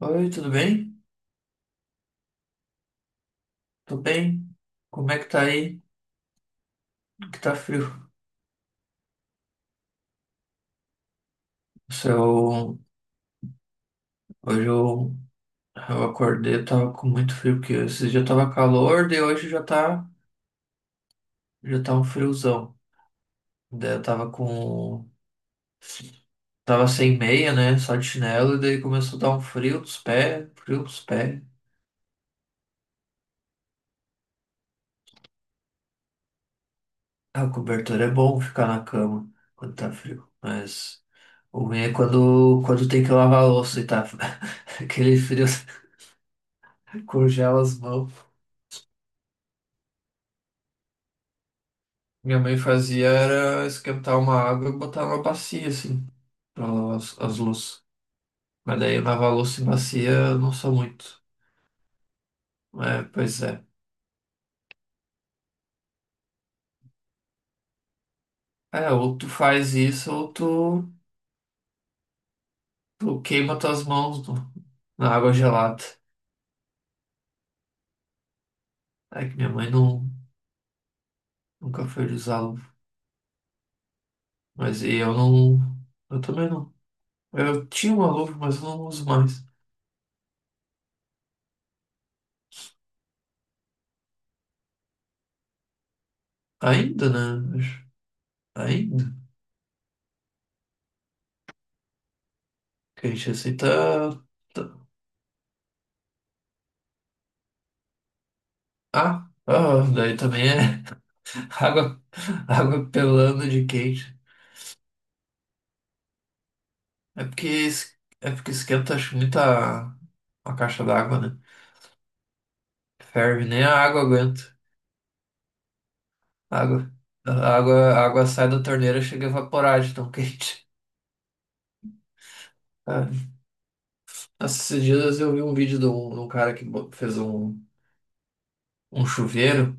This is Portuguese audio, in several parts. Oi, tudo bem? Tô bem. Como é que tá aí? Que tá frio. Se Eu, hoje eu acordei, eu tava com muito frio, porque esse dia tava calor, daí hoje já já tá um friozão. Daí eu tava com, tava sem meia, né? Só de chinelo, e daí começou a dar um frio dos pés, frio dos pés. A cobertura é bom ficar na cama quando tá frio, mas o ruim é quando tem que lavar a louça e tá aquele frio congela as mãos. Minha mãe fazia era esquentar uma água e botar numa bacia, assim, pra lavar as louças. Mas daí lavar louça em bacia eu não sou muito. É, pois é. É, ou tu faz isso ou tu queima tuas mãos na água gelada. É que minha mãe, nunca foi de usar luva. Mas e eu não. Eu também não. Eu tinha uma luva, mas eu não uso mais. Ainda, né? Ainda. Que a gente aceita. Daí também é. Água, água pelando de quente. É porque, es- é porque esquenta acho, muito a caixa d'água, né? Ferve, nem a água aguenta. A água, a água sai da torneira e chega a evaporar de tão quente. Ah, Nossa, esses dias eu vi um vídeo de de um cara que fez um chuveiro.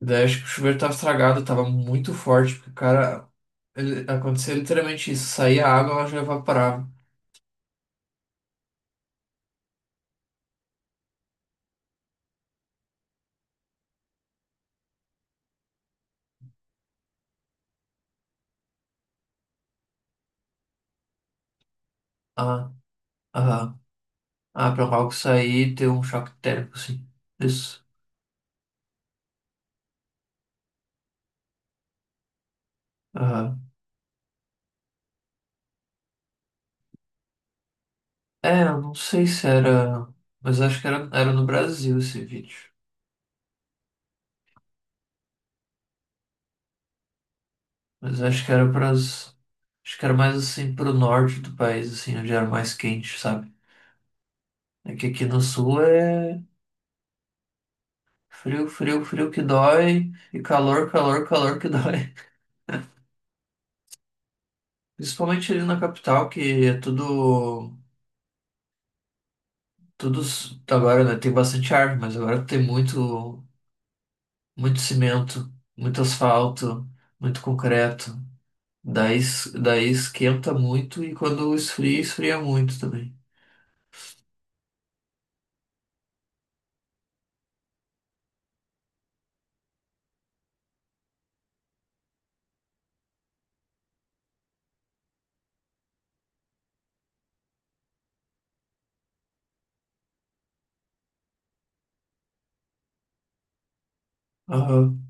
Daí acho que o chuveiro tava estragado, tava muito forte, porque o cara. Aconteceu literalmente isso. Saía a água, ela já evaporava. Ah, ah, pra algo sair e ter um choque térmico, assim. Isso. Ah, é, eu não sei se era. Mas acho que era no Brasil esse vídeo. Mas acho que era pras. Acho que era mais assim pro norte do país, assim, onde era mais quente, sabe? É que aqui no sul é frio, frio, frio que dói, e calor, calor, calor que dói. Principalmente ali na capital, que é tudo. Agora, né? Tem bastante árvore, mas agora tem muito cimento, muito asfalto, muito concreto. Daí esquenta muito e quando esfria, esfria muito também. Aham.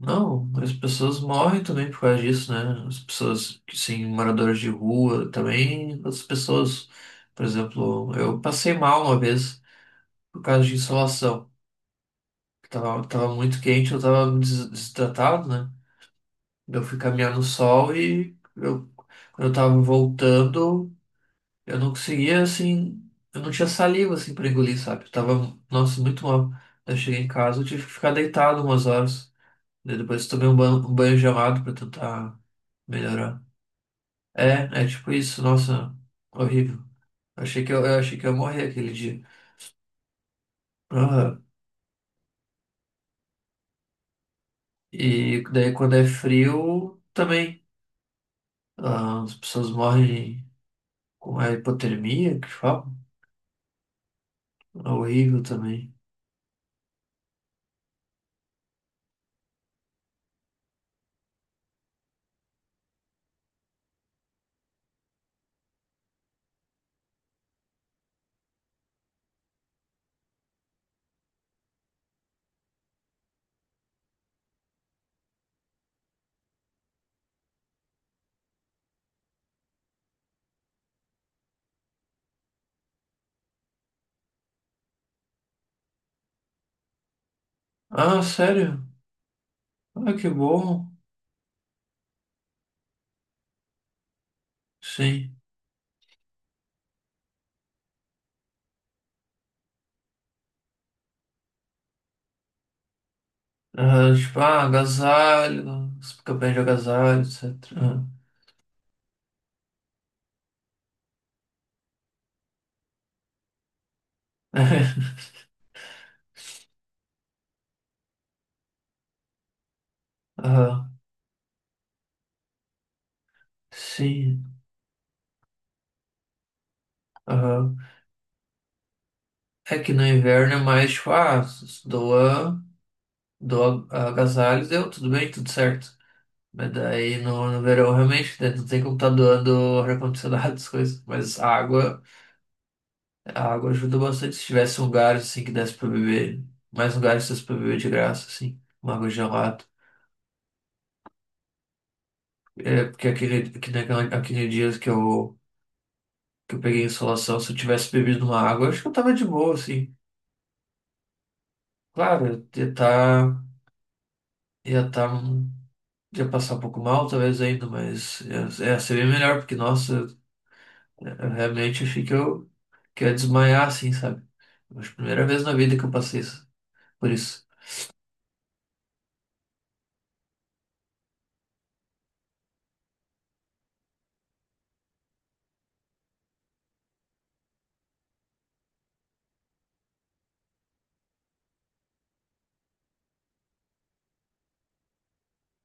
Não, as pessoas morrem também por causa disso, né? As pessoas, que sim, moradores de rua também, as pessoas, por exemplo, eu passei mal uma vez por causa de insolação. Tava muito quente, eu tava desidratado, né? Eu fui caminhar no sol e quando eu tava voltando. Eu não conseguia, assim, eu não tinha saliva, assim, pra engolir, sabe? Eu tava, nossa, muito mal. Eu cheguei em casa, eu tive que ficar deitado umas horas. Daí depois tomei um banho gelado pra tentar melhorar. É, é tipo isso, nossa, horrível. Eu achei que eu achei que eu ia morrer aquele dia. Aham. E daí quando é frio, também. Ah, as pessoas morrem com a hipotermia, que falam. É horrível também. Ah, sério? Ah, que bom. Sim. Ah, tipo, ah, agasalho, você fica bem de agasalho, etc. Ah, aham, sim, aham. É que no inverno é mais, tipo, ah, doa, doa agasalho, deu, tudo bem, tudo certo. Mas daí no verão, realmente, né, não tem como tá doando ar-condicionado, essas coisas. Mas a água ajuda bastante. Se tivesse um lugar, assim, que desse pra beber, mais lugares que desse pra beber de graça, assim, uma água gelada. É, porque aquele dia que eu peguei em insolação, se eu tivesse bebido uma água, eu acho que eu tava de boa, assim. Claro, eu ia tá, ia tá, ia passar um pouco mal, talvez ainda, mas ia ser bem melhor, porque, nossa, eu realmente achei que que eu ia desmaiar, assim, sabe? Acho que a primeira vez na vida que eu passei por isso.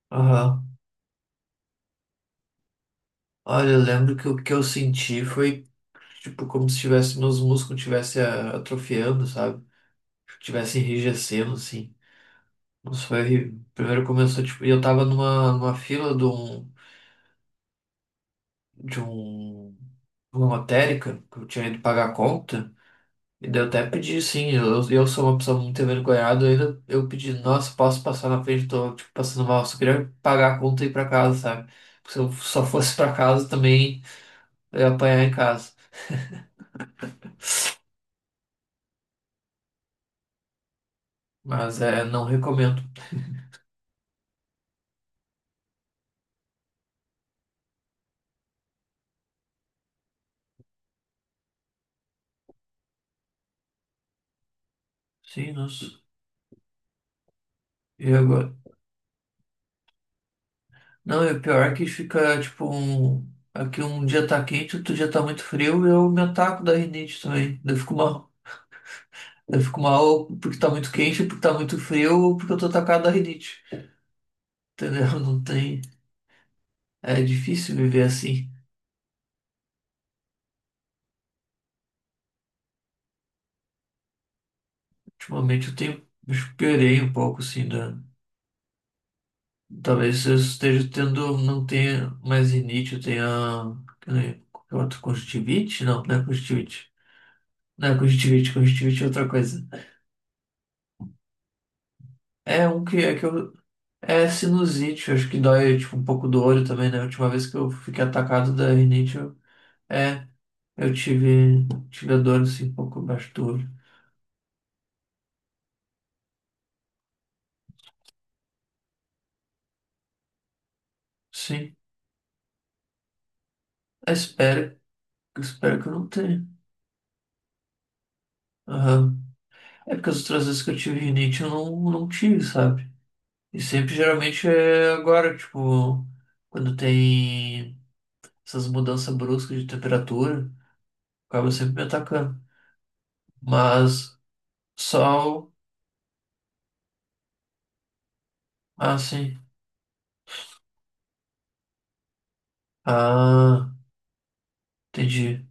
Aham. Olha, eu lembro que o que eu senti foi, tipo, como se tivesse, meus músculos estivessem atrofiando, sabe? Tivesse enrijecendo, assim. Nossa, foi horrível. Primeiro começou, tipo, e eu tava numa, numa fila de um de um de uma lotérica que eu tinha ido pagar a conta. E daí eu até pedi, sim, eu sou uma pessoa muito envergonhada, eu ainda eu pedi, nossa, posso passar na frente, tô tipo, passando mal, só queria pagar a conta e ir pra casa, sabe? Porque se eu só fosse pra casa também eu ia apanhar em casa. Mas é, não recomendo. Sim, nossa. E agora? Não, e o pior é que fica tipo um. Aqui um dia tá quente, outro dia tá muito frio, eu me ataco da rinite também. Daí eu fico mal porque tá muito quente, porque tá muito frio, ou porque eu tô atacado da rinite. Entendeu? Não tem. É difícil viver assim. Ultimamente eu tenho. Eu Esperei um pouco, assim, da. Talvez eu esteja tendo. Não tenha mais rinite, eu tenha. Que outro? Conjuntivite? Não, não é conjuntivite. Não é conjuntivite, conjuntivite é outra coisa. É um que é que eu. É sinusite, eu acho que dói, tipo, um pouco do olho também, né? A última vez que eu fiquei atacado da rinite, eu. É. Tive a dor assim, um pouco abaixo do olho. Sim, eu espero, eu espero que eu não tenha. Aham. É porque as outras vezes que eu tive rinite eu não tive, sabe? E sempre geralmente é agora, tipo, quando tem essas mudanças bruscas de temperatura, acaba sempre me atacando. Mas sol, ah, sim. Ah, entendi.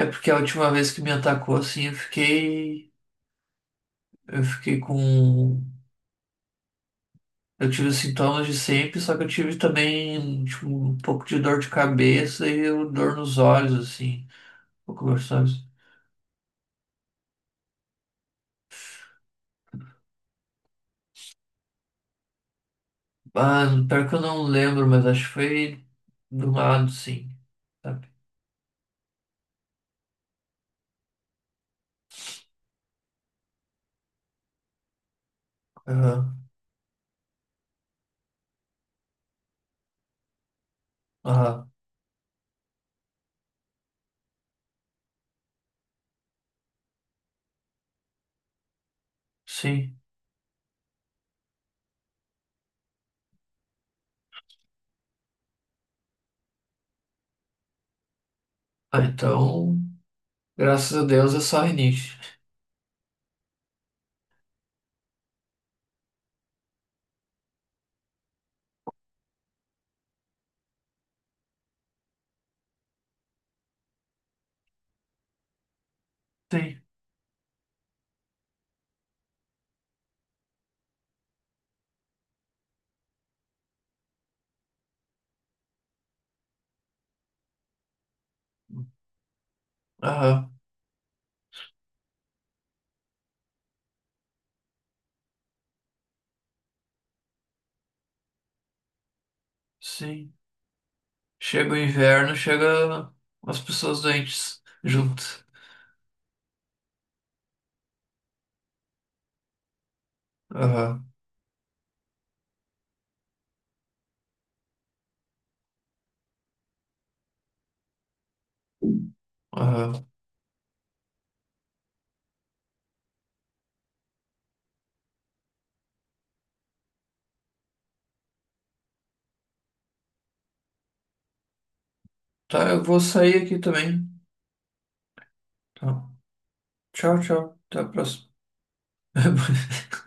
É porque a última vez que me atacou assim, eu fiquei com eu tive os sintomas de sempre, só que eu tive também, tipo, um pouco de dor de cabeça e dor nos olhos, assim. Um pouco nos olhos. Ah, pior que eu não lembro, mas acho que foi do lado, sim. Sabe? Aham, aham, sim. Ah, então, graças a Deus é só rinite. Sim, aham, sim. Chega o inverno, chega as pessoas doentes junto. Aham, aham. Tá, eu vou sair aqui também. Tá. Tchau, tchau. Até a próxima. Uhum.